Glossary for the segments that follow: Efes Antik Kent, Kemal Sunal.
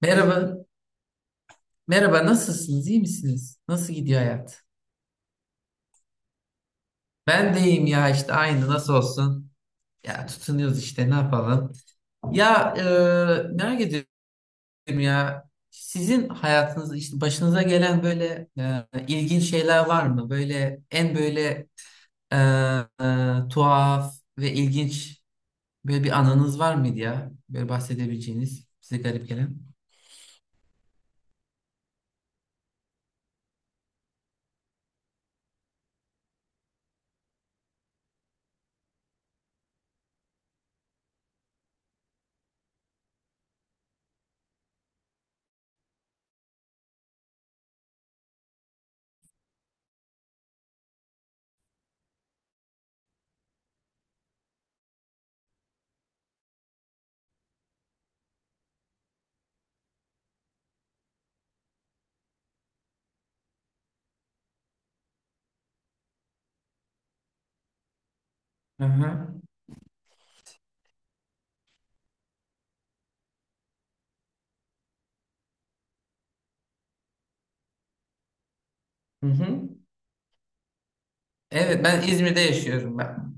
Merhaba. Merhaba, nasılsınız? İyi misiniz? Nasıl gidiyor hayat? Ben de iyiyim ya işte, aynı, nasıl olsun? Ya tutunuyoruz işte, ne yapalım? Ya e, Merak ediyorum ya, sizin hayatınızda işte başınıza gelen böyle ilginç şeyler var mı? Böyle en böyle e, tuhaf ve ilginç böyle bir anınız var mıydı ya? Böyle bahsedebileceğiniz, size garip gelen. Hı hı. Hı hı. Evet, ben İzmir'de yaşıyorum ben.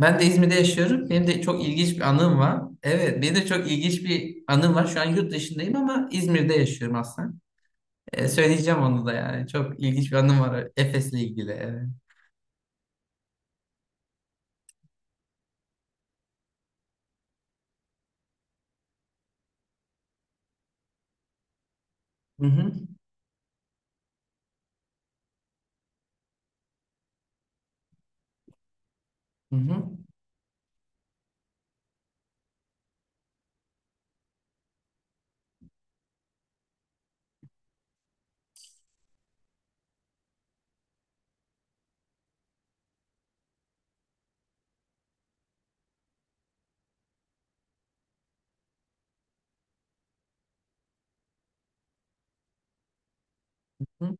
Ben de İzmir'de yaşıyorum. Benim de çok ilginç bir anım var. Evet, benim de çok ilginç bir anım var. Şu an yurt dışındayım ama İzmir'de yaşıyorum aslında. Söyleyeceğim onu da yani. Çok ilginç bir anım var Efes'le ilgili. Evet. Hı hı. Hı hı. Hı.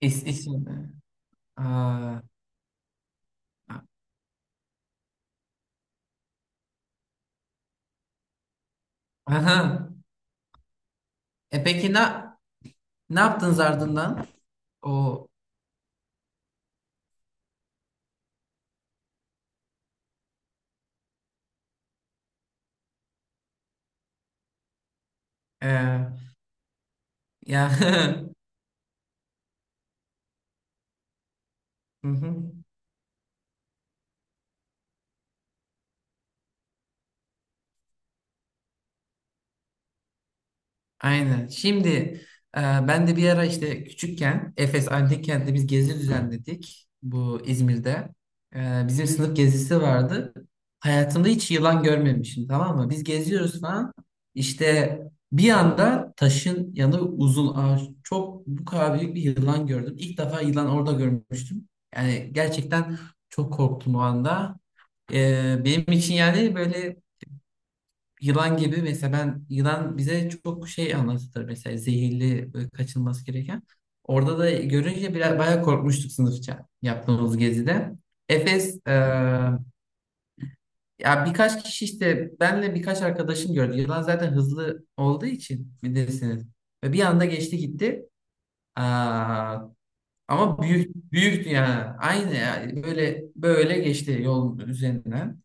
İs, İzmir'de. Aa, aha. E peki ne ne yaptınız ardından? O e, Ya. Hı hı. Aynen. Şimdi ben de bir ara işte küçükken Efes Antik Kent'te biz gezi düzenledik, bu İzmir'de. Bizim sınıf gezisi vardı. Hayatımda hiç yılan görmemişim, tamam mı? Biz geziyoruz falan. İşte bir anda taşın yanında uzun ağaç, çok bu kadar büyük bir yılan gördüm. İlk defa yılan orada görmüştüm. Yani gerçekten çok korktum o anda. Benim için yani böyle yılan gibi mesela, ben yılan bize çok şey anlatılır mesela, zehirli, böyle kaçınması gereken. Orada da görünce biraz bayağı korkmuştuk sınıfça yaptığımız gezide. Efes e, Ya birkaç kişi işte, benle birkaç arkadaşım gördü. Yılan zaten hızlı olduğu için bilirsiniz. Ve bir anda geçti gitti. Aa, ama büyük büyüktü yani. Aynı yani, böyle böyle geçti yolun üzerinden.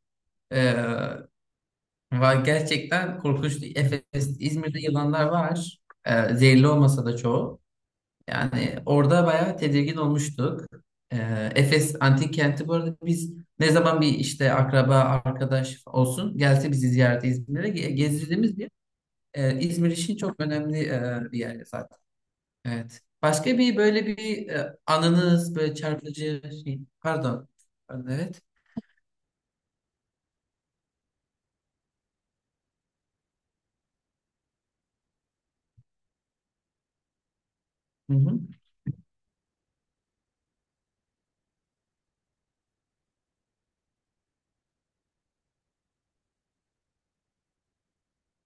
Var gerçekten, korkunç. Efes, İzmir'de yılanlar var. Zehirli olmasa da çoğu. Yani orada bayağı tedirgin olmuştuk. Efes antik kenti bu arada biz, ne zaman bir işte akraba, arkadaş olsun gelse bizi ziyarete İzmir'e ge- gezdirdiğimiz bir yer. İzmir için çok önemli bir yer zaten. Evet. Başka bir böyle bir anınız, böyle çarpıcı şey. Pardon. Pardon, evet. Hı hı.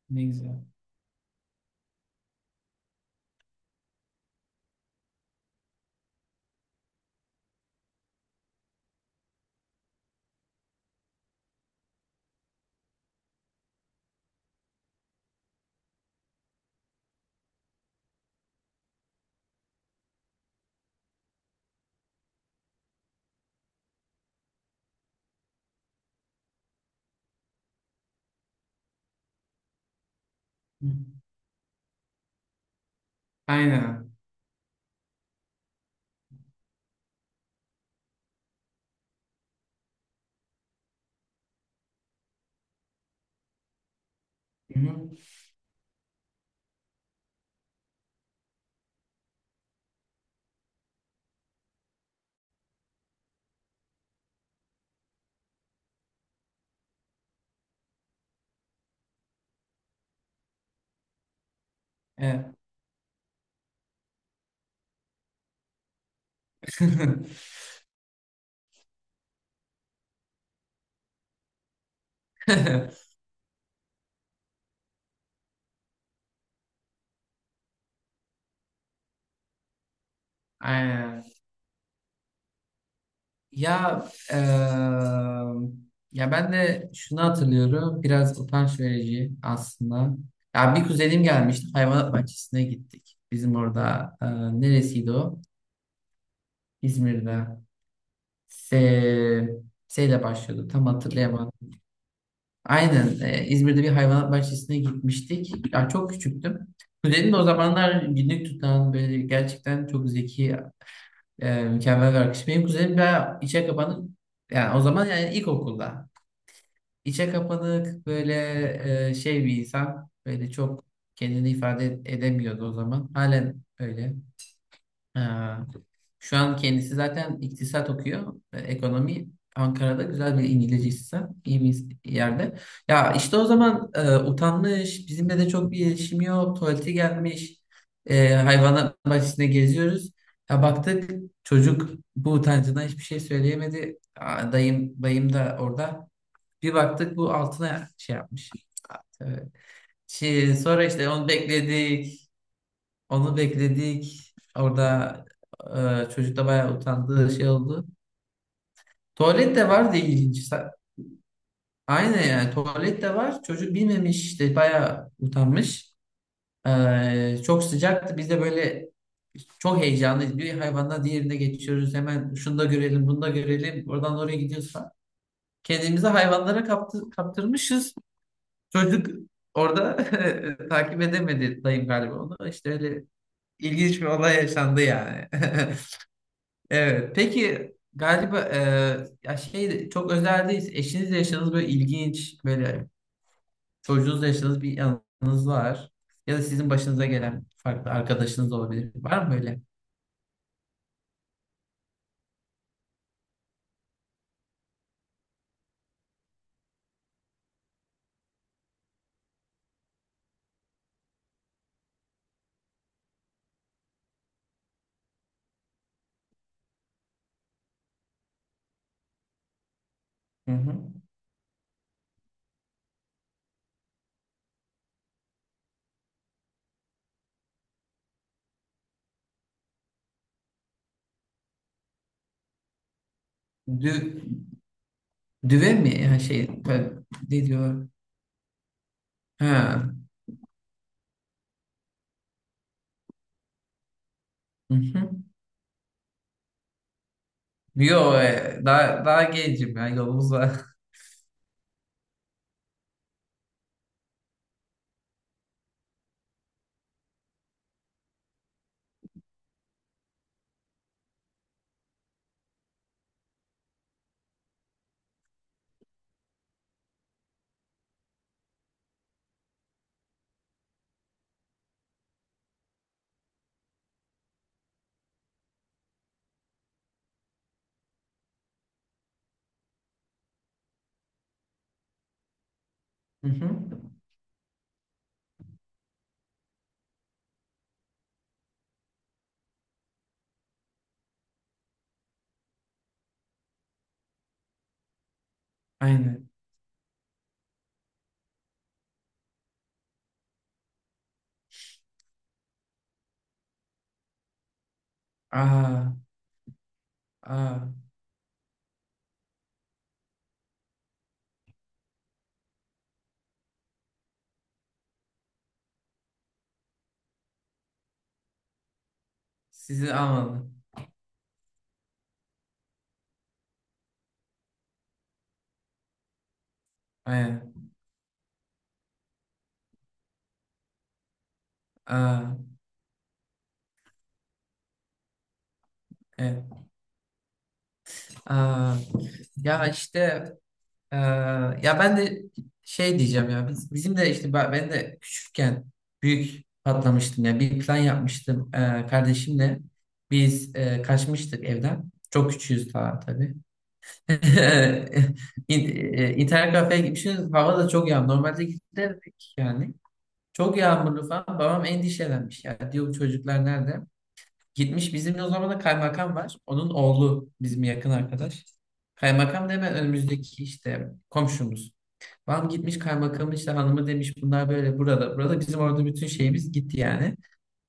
Ne güzel. Hı. Aynen. Hı hı. Evet. Aynen. Ya eee, Ya ben de şunu hatırlıyorum. Biraz utanç verici aslında. Ya bir kuzenim gelmişti. Hayvanat bahçesine gittik. Bizim orada neresiydi o? İzmir'de. Se Seyle başlıyordu. Tam hatırlayamadım. Aynen. İzmir'de bir hayvanat bahçesine gitmiştik. Ya çok küçüktüm. Kuzenim de o zamanlar günlük tutan, böyle gerçekten çok zeki, mükemmel bir akış. Benim kuzenim bayağı içe kapanık. Yani o zaman, yani ilkokulda. İçe kapanık, böyle şey bir insan. Böyle çok kendini ifade edemiyordu o zaman. Halen öyle. Ee, Şu an kendisi zaten iktisat okuyor, ekonomi. Ankara'da güzel bir İngilizce sistem, iyi bir yerde. Ya işte o zaman utanmış, bizimle de çok bir iletişim yok, tuvaleti gelmiş, hayvanat bahçesinde geziyoruz. Ya baktık, çocuk bu utancından hiçbir şey söyleyemedi. Aa, dayım, bayım da orada. Bir baktık bu altına şey yapmış. Evet. Şey, sonra işte onu bekledik. Onu bekledik. Orada çocuk da bayağı utandığı şey oldu. Tuvalet de var diye ilginç. Sa- Aynen, yani tuvalet de var. Çocuk bilmemiş işte, bayağı utanmış. E, çok sıcaktı. Biz de böyle çok heyecanlıyız. Bir hayvandan diğerine geçiyoruz. Hemen şunu da görelim, bunu da görelim. Oradan oraya gidiyoruz falan. Kendimizi hayvanlara kaptı, kaptırmışız. Çocuk orada takip edemedi dayım galiba onu. İşte öyle ilginç bir olay yaşandı yani. Evet. Peki galiba ya şey, çok özel değil. Eşinizle yaşadığınız böyle ilginç böyle, çocuğunuzla yaşadığınız bir anınız var. Ya da sizin başınıza gelen, farklı arkadaşınız olabilir. Var mı böyle? Hı hı. Dü, düve mi? Ha, şey böyle, ne diyor? Ha. Hı hı. Yo, daha gencim ya, yolumuz var. Hı hı. Aynen. Aa, aa. Sizi almadım. Aynen. Aa, evet. Ee, ya işte e, Ya ben de şey diyeceğim, ya bizim de işte ben de küçükken büyük patlamıştım ya, bir plan yapmıştım kardeşimle biz kaçmıştık evden, çok küçüğüz daha tabii. İnternet kafeye gitmişiz, hava da çok yağmurlu, normalde giderdik yani, çok yağmurlu falan, babam endişelenmiş ya, diyor bu çocuklar nerede. Gitmiş bizim o zaman da kaymakam var. Onun oğlu bizim yakın arkadaş. Kaymakam da hemen önümüzdeki işte komşumuz. Babam gitmiş kaymakamın işte, hanımı demiş bunlar böyle burada. Burada bizim orada bütün şeyimiz gitti yani.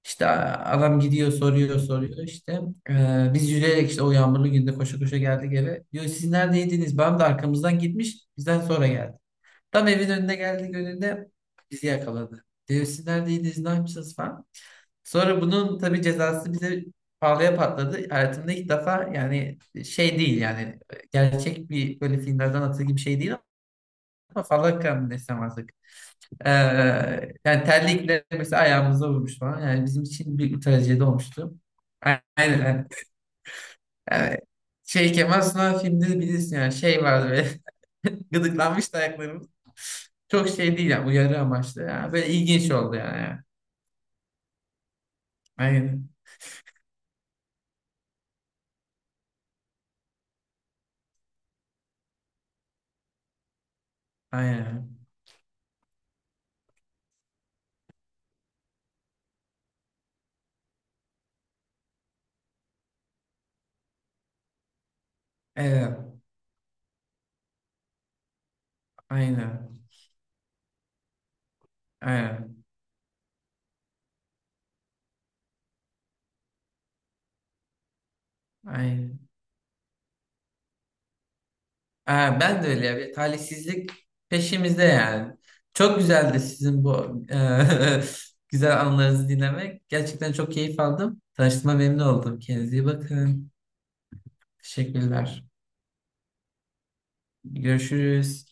İşte a- adam gidiyor, soruyor soruyor işte. Biz yürüyerek işte o yağmurlu günde koşa koşa geldik eve. Diyor siz neredeydiniz? Babam da arkamızdan gitmiş, bizden sonra geldi. Tam evin önüne geldi, önünde bizi yakaladı. Diyor siz neredeydiniz, ne yapmışsınız falan. Sonra bunun tabii cezası bize pahalıya patladı. Hayatımda ilk defa yani, şey değil yani, gerçek bir böyle filmlerden atıl gibi şey değil ama falaka mı desem artık. Ee, Yani terlikle mesela ayağımıza vurmuş falan. Yani bizim için bir trajedi olmuştu. Aynen. Yani şey Kemal Sunal filmde bilirsin yani, şey var böyle, gıdıklanmış da ayaklarımız. Çok şey değil yani, uyarı amaçlı ya. Böyle ilginç oldu yani. Aynen. Aynen. Evet. Aynen. Aynen. Aynen. Ha, ben de öyle ya. Bir talihsizlik peşimizde yani. Çok güzeldi sizin bu güzel anılarınızı dinlemek. Gerçekten çok keyif aldım. Tanıştığıma memnun oldum. Kendinize iyi bakın. Teşekkürler. Görüşürüz.